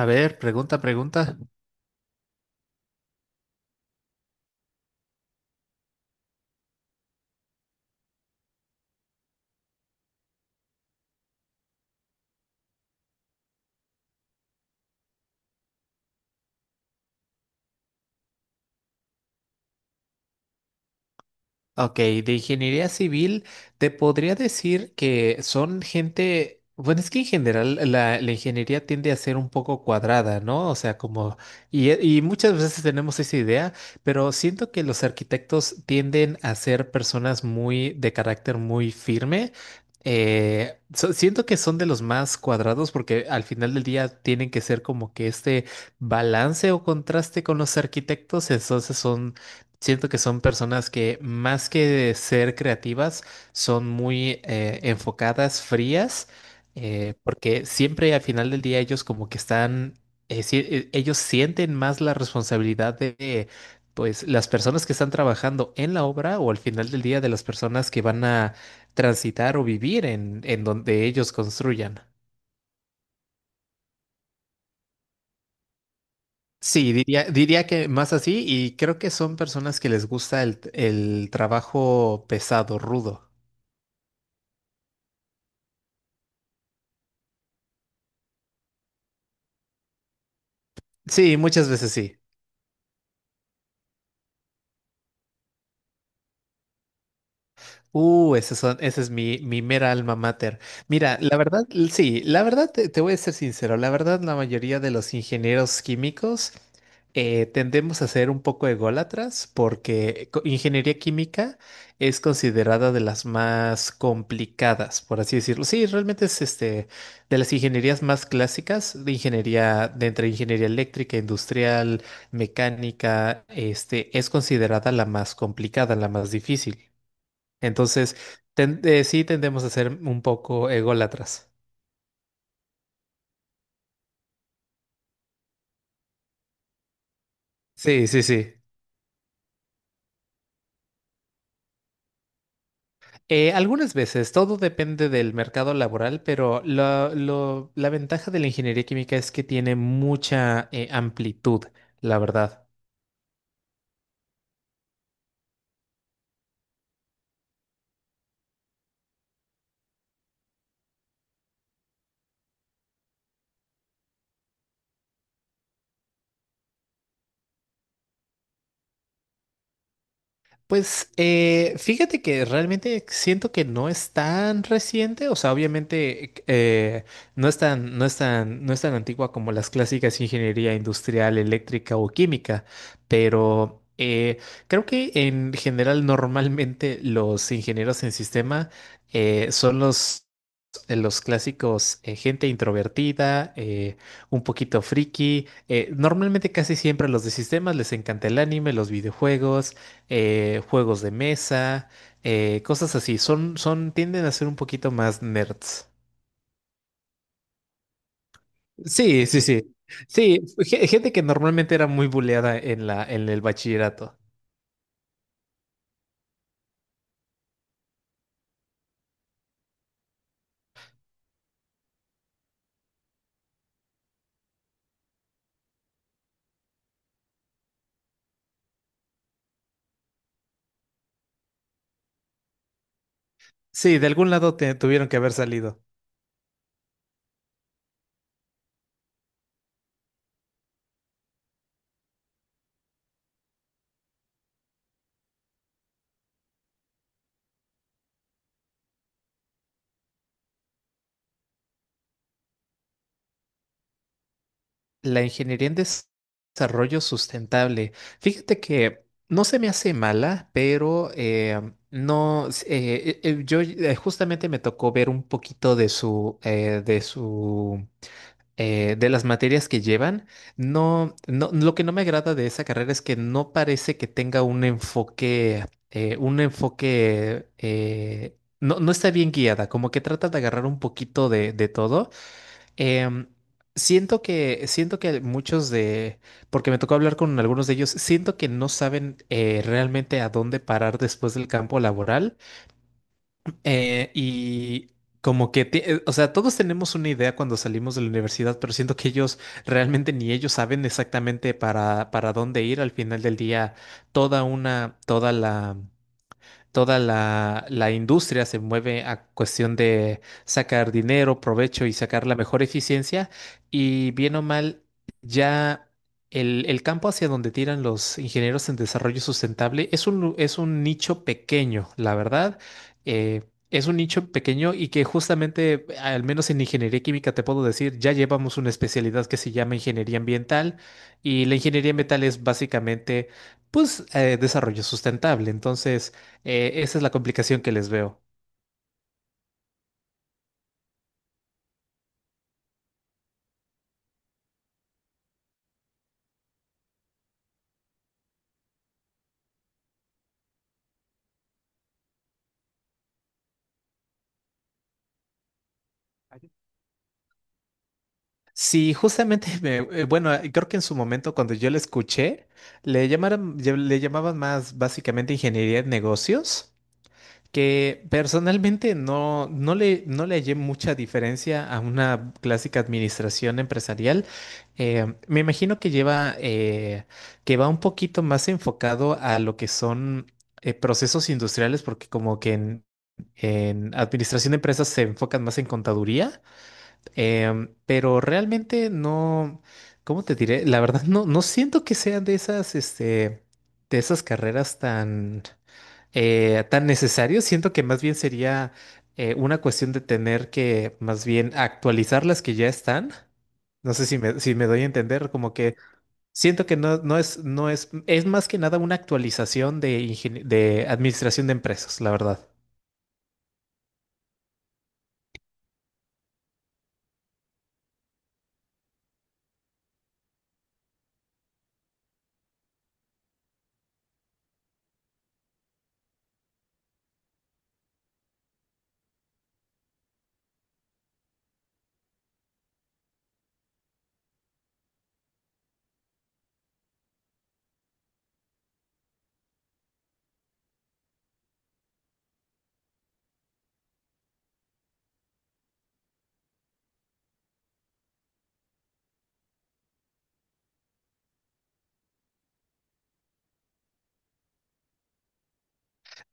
A ver, pregunta, pregunta. Ok, de ingeniería civil, te podría decir que son gente. Bueno, es que en general la ingeniería tiende a ser un poco cuadrada, ¿no? O sea, como, y muchas veces tenemos esa idea, pero siento que los arquitectos tienden a ser personas muy, de carácter muy firme. Siento que son de los más cuadrados porque al final del día tienen que ser como que este balance o contraste con los arquitectos, entonces son. Siento que son personas que, más que ser creativas, son muy enfocadas, frías, porque siempre al final del día ellos como que están, ellos sienten más la responsabilidad de, pues, las personas que están trabajando en la obra, o al final del día de las personas que van a transitar o vivir en donde ellos construyan. Sí, diría que más así, y creo que son personas que les gusta el trabajo pesado, rudo. Sí, muchas veces sí. Ese, son, ese es mi mera alma mater. Mira, la verdad, sí, la verdad, te voy a ser sincero, la verdad, la mayoría de los ingenieros químicos tendemos a ser un poco ególatras porque ingeniería química es considerada de las más complicadas, por así decirlo. Sí, realmente es este, de las ingenierías más clásicas, de ingeniería, de entre ingeniería eléctrica, industrial, mecánica, este, es considerada la más complicada, la más difícil. Entonces, sí tendemos a ser un poco ególatras. Sí, sí, sí. Algunas veces, todo depende del mercado laboral, pero la ventaja de la ingeniería química es que tiene mucha amplitud, la verdad. Pues fíjate que realmente siento que no es tan reciente. O sea, obviamente no es tan, no es tan, no es tan antigua como las clásicas ingeniería industrial, eléctrica o química, pero creo que en general normalmente los ingenieros en sistema son los clásicos, gente introvertida, un poquito friki. Normalmente casi siempre a los de sistemas les encanta el anime, los videojuegos, juegos de mesa, cosas así. Tienden a ser un poquito más nerds. Sí, sí, sí. Sí, gente que normalmente era muy buleada en el bachillerato. Sí, de algún lado tuvieron que haber salido. La ingeniería en desarrollo sustentable. Fíjate que no se me hace mala, pero no, s- yo justamente me tocó ver un poquito de su, de las materias que llevan. No, no, lo que no me agrada de esa carrera es que no parece que tenga un enfoque, no, no está bien guiada, como que trata de agarrar un poquito de todo. Em, siento que muchos de, porque me tocó hablar con algunos de ellos, siento que no saben realmente a dónde parar después del campo laboral. eh, y Como que, o sea, todos tenemos una idea cuando salimos de la universidad, pero siento que ellos realmente ni ellos saben exactamente para dónde ir al final del día. Toda una, toda la, la industria se mueve a cuestión de sacar dinero, provecho y sacar la mejor eficiencia. Y bien o mal, ya el campo hacia donde tiran los ingenieros en desarrollo sustentable es es un nicho pequeño, la verdad. Eh, es un nicho pequeño y que justamente, al menos en ingeniería química, te puedo decir, ya llevamos una especialidad que se llama ingeniería ambiental, y la ingeniería ambiental es básicamente, pues, desarrollo sustentable. Entonces, esa es la complicación que les veo. Sí, justamente, bueno, creo que en su momento cuando yo la escuché, le llamaron, le llamaban más básicamente ingeniería de negocios, que personalmente no, no le hallé mucha diferencia a una clásica administración empresarial. Me imagino que lleva, que va un poquito más enfocado a lo que son procesos industriales, porque como que en administración de empresas se enfocan más en contaduría. Em, pero realmente no, ¿cómo te diré? La verdad no, no siento que sean de esas, este, de esas carreras tan, tan necesarias. Siento que más bien sería una cuestión de tener que más bien actualizar las que ya están. No sé si me, si me doy a entender, como que siento que no, es más que nada una actualización de, de administración de empresas, la verdad.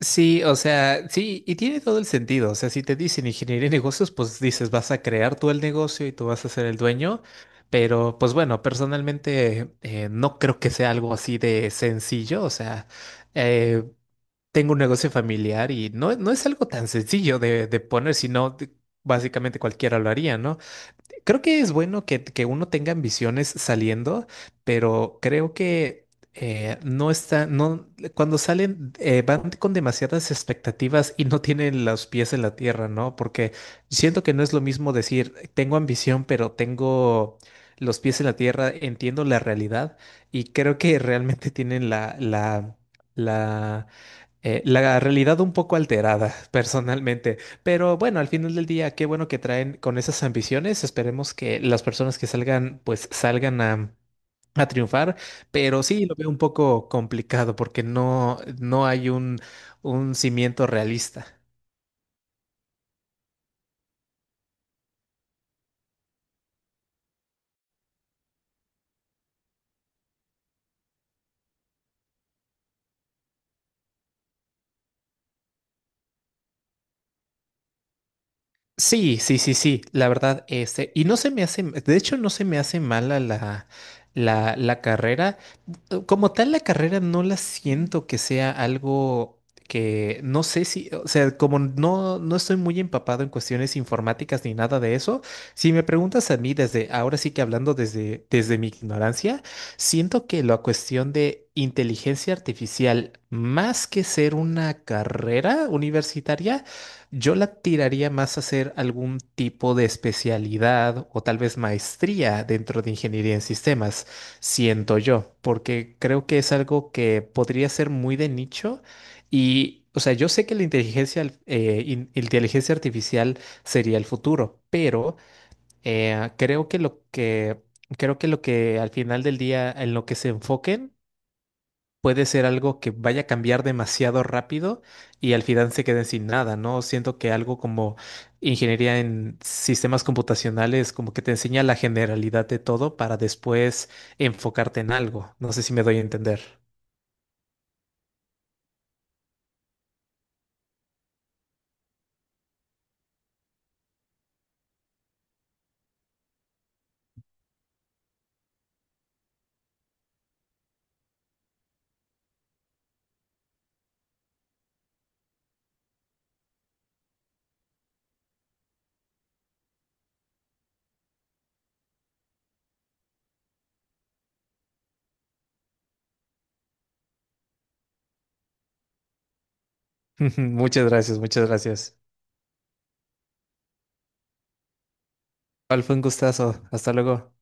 Sí, o sea, sí, y tiene todo el sentido. O sea, si te dicen ingeniería de negocios, pues dices, vas a crear tú el negocio y tú vas a ser el dueño. Pero, pues bueno, personalmente no creo que sea algo así de sencillo. O sea, eh, tengo un negocio familiar y no, no es algo tan sencillo de poner, básicamente cualquiera lo haría, ¿no? Creo que es bueno que uno tenga ambiciones saliendo, pero creo que no está, no, cuando salen van con demasiadas expectativas y no tienen los pies en la tierra, ¿no? Porque siento que no es lo mismo decir, tengo ambición, pero tengo los pies en la tierra, entiendo la realidad, y creo que realmente tienen la la realidad un poco alterada, personalmente. Pero bueno, al final del día, qué bueno que traen con esas ambiciones. Esperemos que las personas que salgan, pues salgan a triunfar. Pero sí, lo veo un poco complicado porque no, no hay un cimiento realista. Sí, sí, sí, sí, la verdad, este, y no se me hace, de hecho no se me hace mala la carrera. Eh, como tal la carrera no la siento que sea algo que, no sé si, o sea, como no, no estoy muy empapado en cuestiones informáticas ni nada de eso. Si me preguntas a mí desde, ahora sí que hablando desde, desde mi ignorancia, siento que la cuestión de inteligencia artificial, más que ser una carrera universitaria, yo la tiraría más a hacer algún tipo de especialidad, o tal vez maestría dentro de ingeniería en sistemas, siento yo, porque creo que es algo que podría ser muy de nicho. Y, o sea, yo sé que la inteligencia artificial sería el futuro, pero eh, creo que lo que, creo que lo que al final del día en lo que se enfoquen puede ser algo que vaya a cambiar demasiado rápido, y al final se queden sin nada, ¿no? Siento que algo como ingeniería en sistemas computacionales como que te enseña la generalidad de todo para después enfocarte en algo. No sé si me doy a entender. Muchas gracias, muchas gracias. Igual fue un gustazo. Hasta luego.